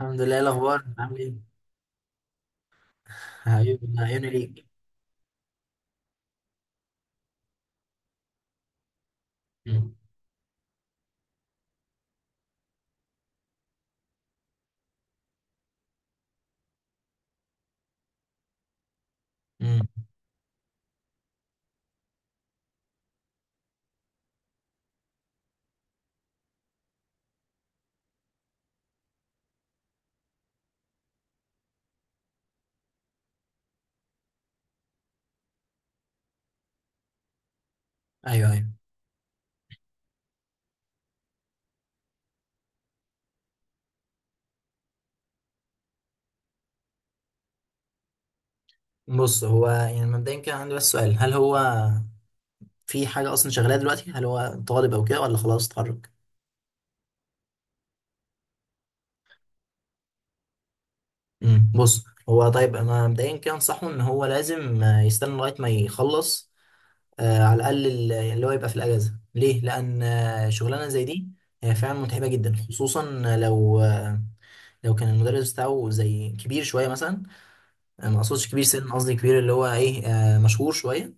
الحمد لله. إيه الاخبار؟ عامل ايه؟ عيوني، عيوني ليك. مم. مم. ايوه، ايوه. بص، هو يعني مبدئيا كان عندي بس سؤال، هل هو في حاجه اصلا شغاله دلوقتي؟ هل هو طالب او كده ولا خلاص اتخرج؟ مم. بص، هو طيب أنا مبدئيا كده انصحه ان هو لازم يستنى لغايه ما يخلص، على الاقل اللي هو يبقى في الاجازه ليه، لان شغلانه زي دي هي فعلا متعبه جدا، خصوصا لو لو كان المدرس بتاعه زي كبير شويه مثلا. ما اقصدش كبير سن، قصدي كبير اللي هو ايه، مشهور شويه.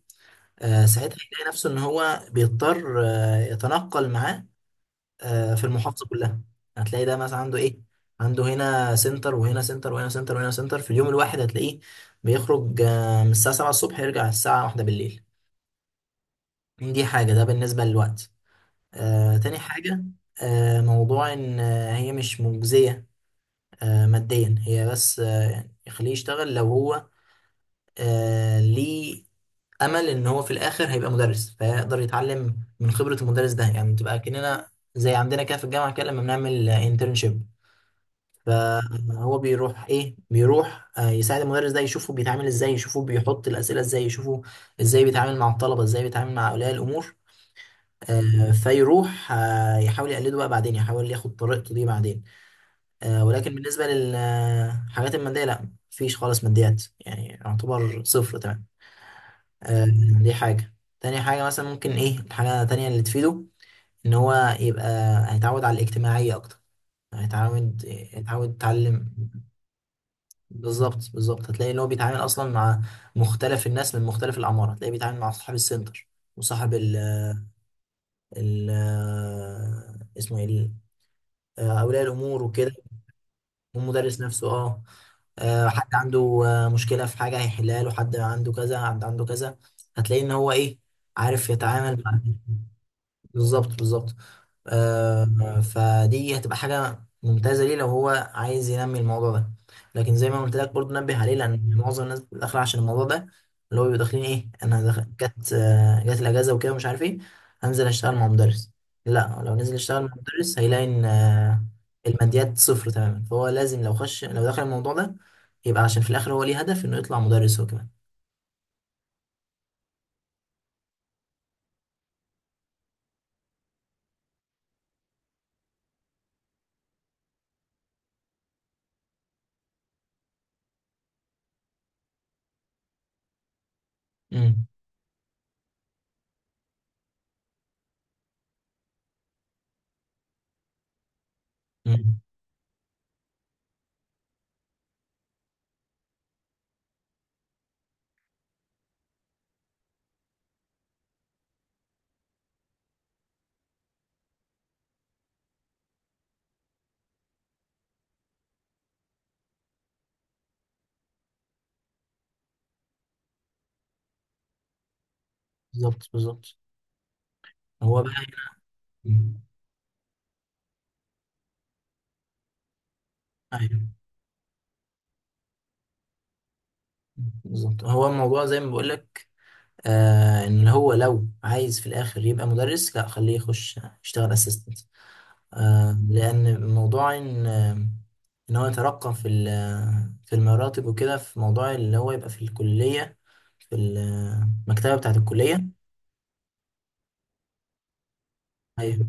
ساعتها هيلاقي نفسه ان هو بيضطر يتنقل معاه في المحافظه كلها. هتلاقي ده مثلا عنده ايه، عنده هنا سنتر وهنا سنتر وهنا سنتر وهنا سنتر، في اليوم الواحد هتلاقيه بيخرج من الساعه 7 الصبح يرجع الساعه 1 بالليل. دي حاجه، ده بالنسبه للوقت. تاني حاجه، موضوع ان هي مش مجزيه ماديا. هي بس يعني يخليه يشتغل لو هو ليه امل ان هو في الاخر هيبقى مدرس، فيقدر يتعلم من خبره المدرس ده، يعني تبقى كاننا زي عندنا كده في الجامعه كده لما بنعمل انترنشيب. فهو بيروح ايه، بيروح يساعد المدرس ده، يشوفه بيتعامل ازاي، يشوفه بيحط الاسئله ازاي، يشوفه ازاي بيتعامل مع الطلبه، ازاي بيتعامل مع اولياء الامور. فيروح يحاول يقلده بقى، بعدين يحاول ياخد طريقته دي بعدين. ولكن بالنسبه للحاجات الماديه لا، مفيش خالص ماديات، يعني يعتبر صفر تمام. آه، دي حاجة. تاني حاجة مثلا ممكن ايه، الحاجة التانية اللي تفيده ان هو يبقى هيتعود على الاجتماعية اكتر، هيتعود يتعلم. بالظبط، بالظبط. هتلاقي ان هو بيتعامل اصلا مع مختلف الناس من مختلف الاعمار، هتلاقيه بيتعامل مع صاحب السنتر، وصاحب ال اسمه ايه اولياء الامور وكده، والمدرس نفسه اه. حد عنده مشكلة في حاجة هيحلها له، حد عنده كذا، حد عنده كذا. هتلاقي ان هو ايه، عارف يتعامل معاه. بالظبط، بالظبط. فدي هتبقى حاجة ممتازة ليه لو هو عايز ينمي الموضوع ده. لكن زي ما قلت لك برضه، نبه عليه لأن معظم الناس بتبقى داخلة عشان الموضوع ده، اللي هو بيبقوا داخلين إيه، أنا جت الأجازة وكده ومش عارف إيه، هنزل أشتغل مع مدرس. لا، لو نزل يشتغل مع مدرس هيلاقي إن الماديات صفر تماما. فهو لازم لو خش، لو دخل الموضوع ده، يبقى عشان في الآخر هو ليه هدف إنه يطلع مدرس هو كمان. أمم، أمم، بالظبط، بالظبط. هو بقى هنا. أمم، أيوه. بالظبط، هو الموضوع زي ما بقول لك ان هو لو عايز في الاخر يبقى مدرس، لا خليه يخش يشتغل اسيستنت. لان موضوع ان ان هو يترقى في في المراتب وكده، في موضوع اللي هو يبقى في الكليه، في المكتبه بتاعه الكليه. ايوه،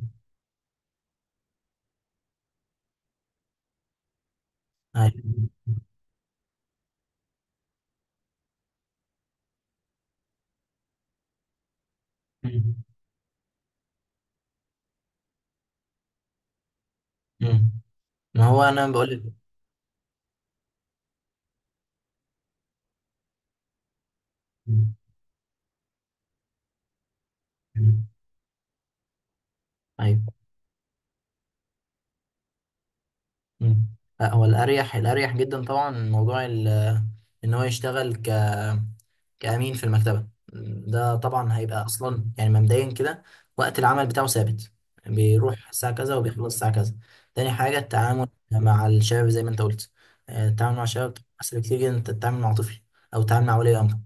ايوه. مم. مم. ما هو انا بقول لك. مم. ايوه. مم. لا، هو الاريح، الاريح جدا طبعا موضوع ان هو يشتغل كأمين في المكتبة، ده طبعا هيبقى أصلا يعني مبدئيا كده وقت العمل بتاعه ثابت، بيروح الساعة كذا وبيخلص الساعة كذا. تاني حاجة التعامل مع الشباب زي ما أنت قلت، التعامل مع الشباب أسهل كتير جدا. أنت تتعامل مع طفل أو تتعامل مع ولي أمر.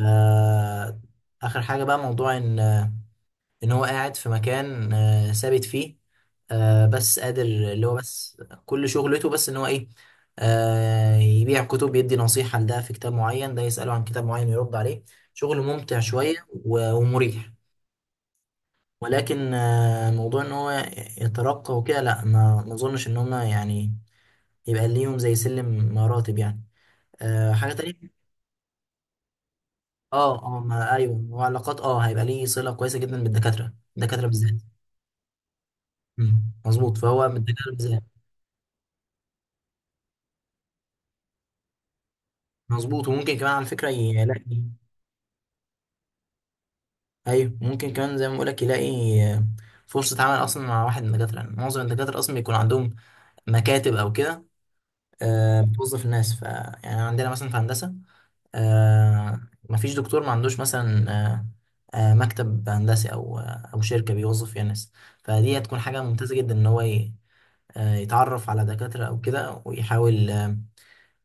آه، آخر حاجة بقى موضوع إن ان هو قاعد في مكان ثابت فيه، بس قادر اللي هو بس كل شغلته بس ان هو ايه، يبيع كتب، يدي نصيحة لده في كتاب معين، ده يسأله عن كتاب معين يرد عليه. شغل ممتع شوية ومريح. ولكن موضوع ان هو يترقى وكده لا، ما اظنش ان هما يعني يبقى ليهم زي سلم مراتب يعني. حاجة تانية. اه، اه، ما ايوه، وعلاقات اه، هيبقى ليه صلة كويسة جدا بالدكاترة، الدكاترة بالذات. مم، مظبوط. فهو من الدكاترة بالذات مظبوط، وممكن كمان على فكرة يلاقي. أيوه، ممكن كمان زي ما بقولك يلاقي فرصة عمل أصلا مع واحد من الدكاترة. يعني معظم الدكاترة أصلا بيكون عندهم مكاتب أو كده، بتوظف الناس. ف يعني عندنا مثلا في هندسة، آه، مفيش دكتور ما عندوش مثلا مكتب هندسي أو أو شركة بيوظف فيها ناس. فدي هتكون حاجة ممتازة جدا إن هو يتعرف على دكاترة أو كده، ويحاول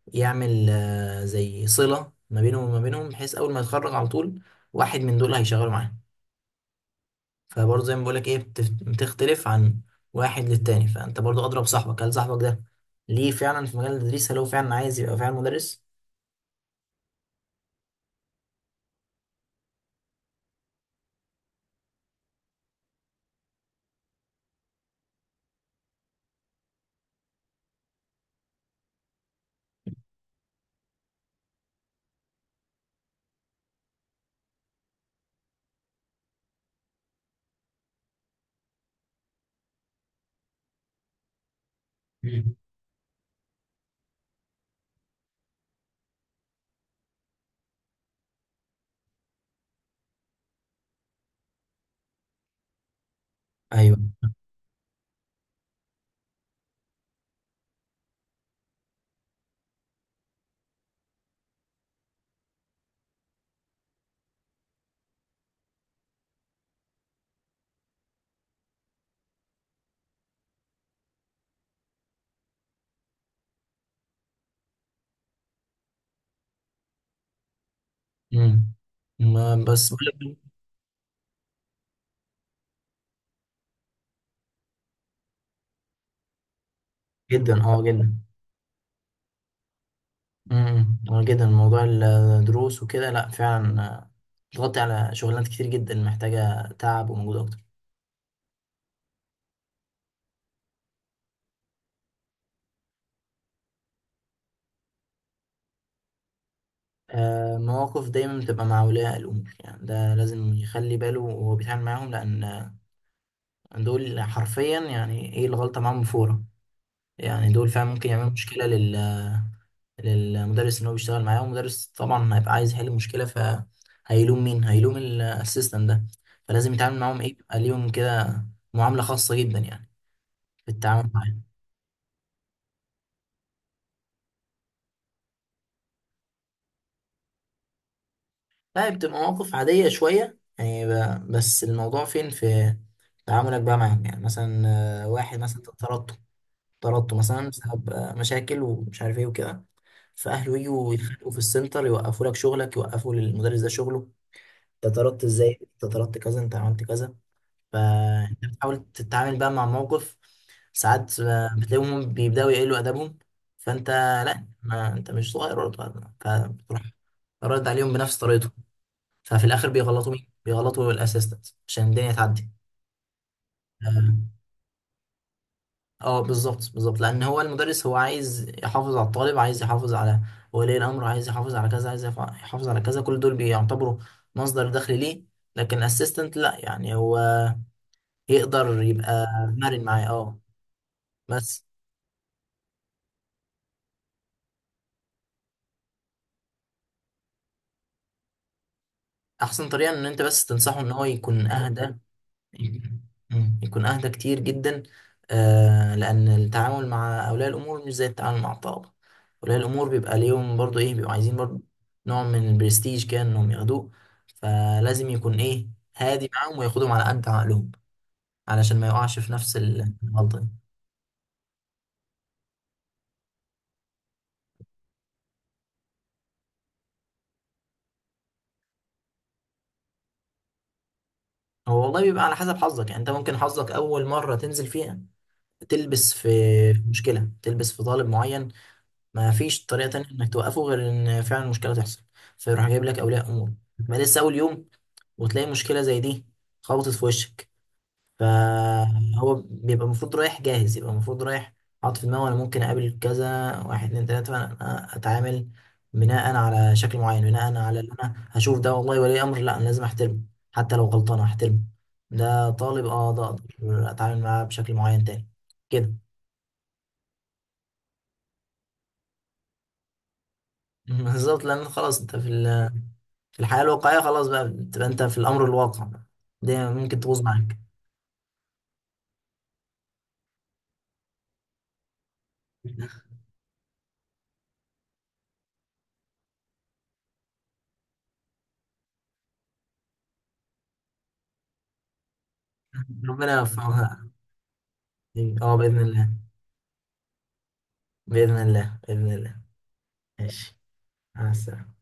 يعمل زي صلة ما بينهم وما بينهم، بحيث أول ما يتخرج على طول واحد من دول هيشغله معاه. فبرضه زي ما بقولك إيه، بتختلف عن واحد للتاني. فأنت برضه أضرب صاحبك، هل صاحبك ده ليه فعلا في مجال التدريس؟ هل هو فعلا عايز يبقى فعلا مدرس؟ مم. أيوه. مم. ما بس بقولك. جدا، أه جدا. امم، اه جدا. موضوع الدروس وكده لأ فعلا بتغطي على شغلانات كتير جدا محتاجة تعب ومجهود أكتر. مواقف دايما بتبقى مع أولياء الأمور، يعني ده لازم يخلي باله وهو بيتعامل معاهم، لأن دول حرفيا يعني إيه، الغلطة معاهم فورة يعني. دول فعلا ممكن يعملوا مشكلة للمدرس إن هو بيشتغل معاه. والمدرس طبعا هيبقى عايز يحل المشكلة، فهيلوم مين؟ هيلوم الأسيستنت ده. فلازم يتعامل معاهم إيه، بيبقى ليهم كده معاملة خاصة جدا يعني في التعامل معاهم. لا، بتبقى مواقف عادية شوية يعني بس الموضوع فين في تعاملك بقى معاهم، يعني مثلا واحد مثلا طردته، طردته مثلا بسبب مشاكل ومش عارف ايه وكده، فاهله يجوا يتخانقوا في السنتر، يوقفوا لك شغلك، يوقفوا للمدرس ده شغله. انت طردت ازاي، انت طردت كذا، انت عملت كذا. فانت بتحاول تتعامل بقى مع موقف. ساعات بتلاقيهم بيبداوا يقلوا ادبهم. فانت، لا، ما انت مش صغير ولا، فبتروح رد عليهم بنفس طريقته. ففي الاخر بيغلطوا مين؟ بيغلطوا الاسيستنت عشان الدنيا تعدي. اه، بالظبط، بالظبط. لان هو المدرس هو عايز يحافظ على الطالب، عايز يحافظ على ولي الامر، عايز يحافظ على كذا، عايز يحافظ على كذا. كل دول بيعتبروا مصدر دخل ليه. لكن الاسيستنت لا، يعني هو يقدر يبقى مرن معاه اه. بس احسن طريقه ان انت بس تنصحه ان هو يكون اهدى. مم. يكون أهدى كتير جدا، لأن التعامل مع أولياء الأمور مش زي التعامل مع الطلبة. أولياء الأمور بيبقى ليهم برضو إيه، بيبقوا عايزين برضو نوع من البرستيج كده إنهم ياخدوه. فلازم يكون إيه، هادي معاهم وياخدهم على قد عقلهم، علشان ما يقعش في نفس الغلطة دي. هو والله بيبقى على حسب حظك. يعني أنت ممكن حظك أول مرة تنزل فيها تلبس في مشكلة، تلبس في طالب معين ما فيش طريقة تانية انك توقفه غير ان فعلا مشكلة تحصل، فيروح جايب لك اولياء امور، ما لسه اول يوم وتلاقي مشكلة زي دي خبطت في وشك. فهو بيبقى المفروض رايح جاهز، يبقى المفروض رايح حاطط في دماغه انا ممكن اقابل كذا واحد، اتنين، تلاتة، فانا اتعامل بناء على شكل معين، بناء على اللي انا هشوف. ده والله ولي امر، لا انا لازم احترمه حتى لو غلطان احترمه. ده طالب اه، ده اقدر اتعامل معاه بشكل معين تاني كده. بالظبط، لان خلاص انت في الحياة الواقعية، خلاص بقى بتبقى انت في الأمر الواقع بقى. دي ممكن تبوظ معاك. ربنا يوفقها. اه، بإذن الله، بإذن الله، بإذن الله. ماشي. مع السلامة.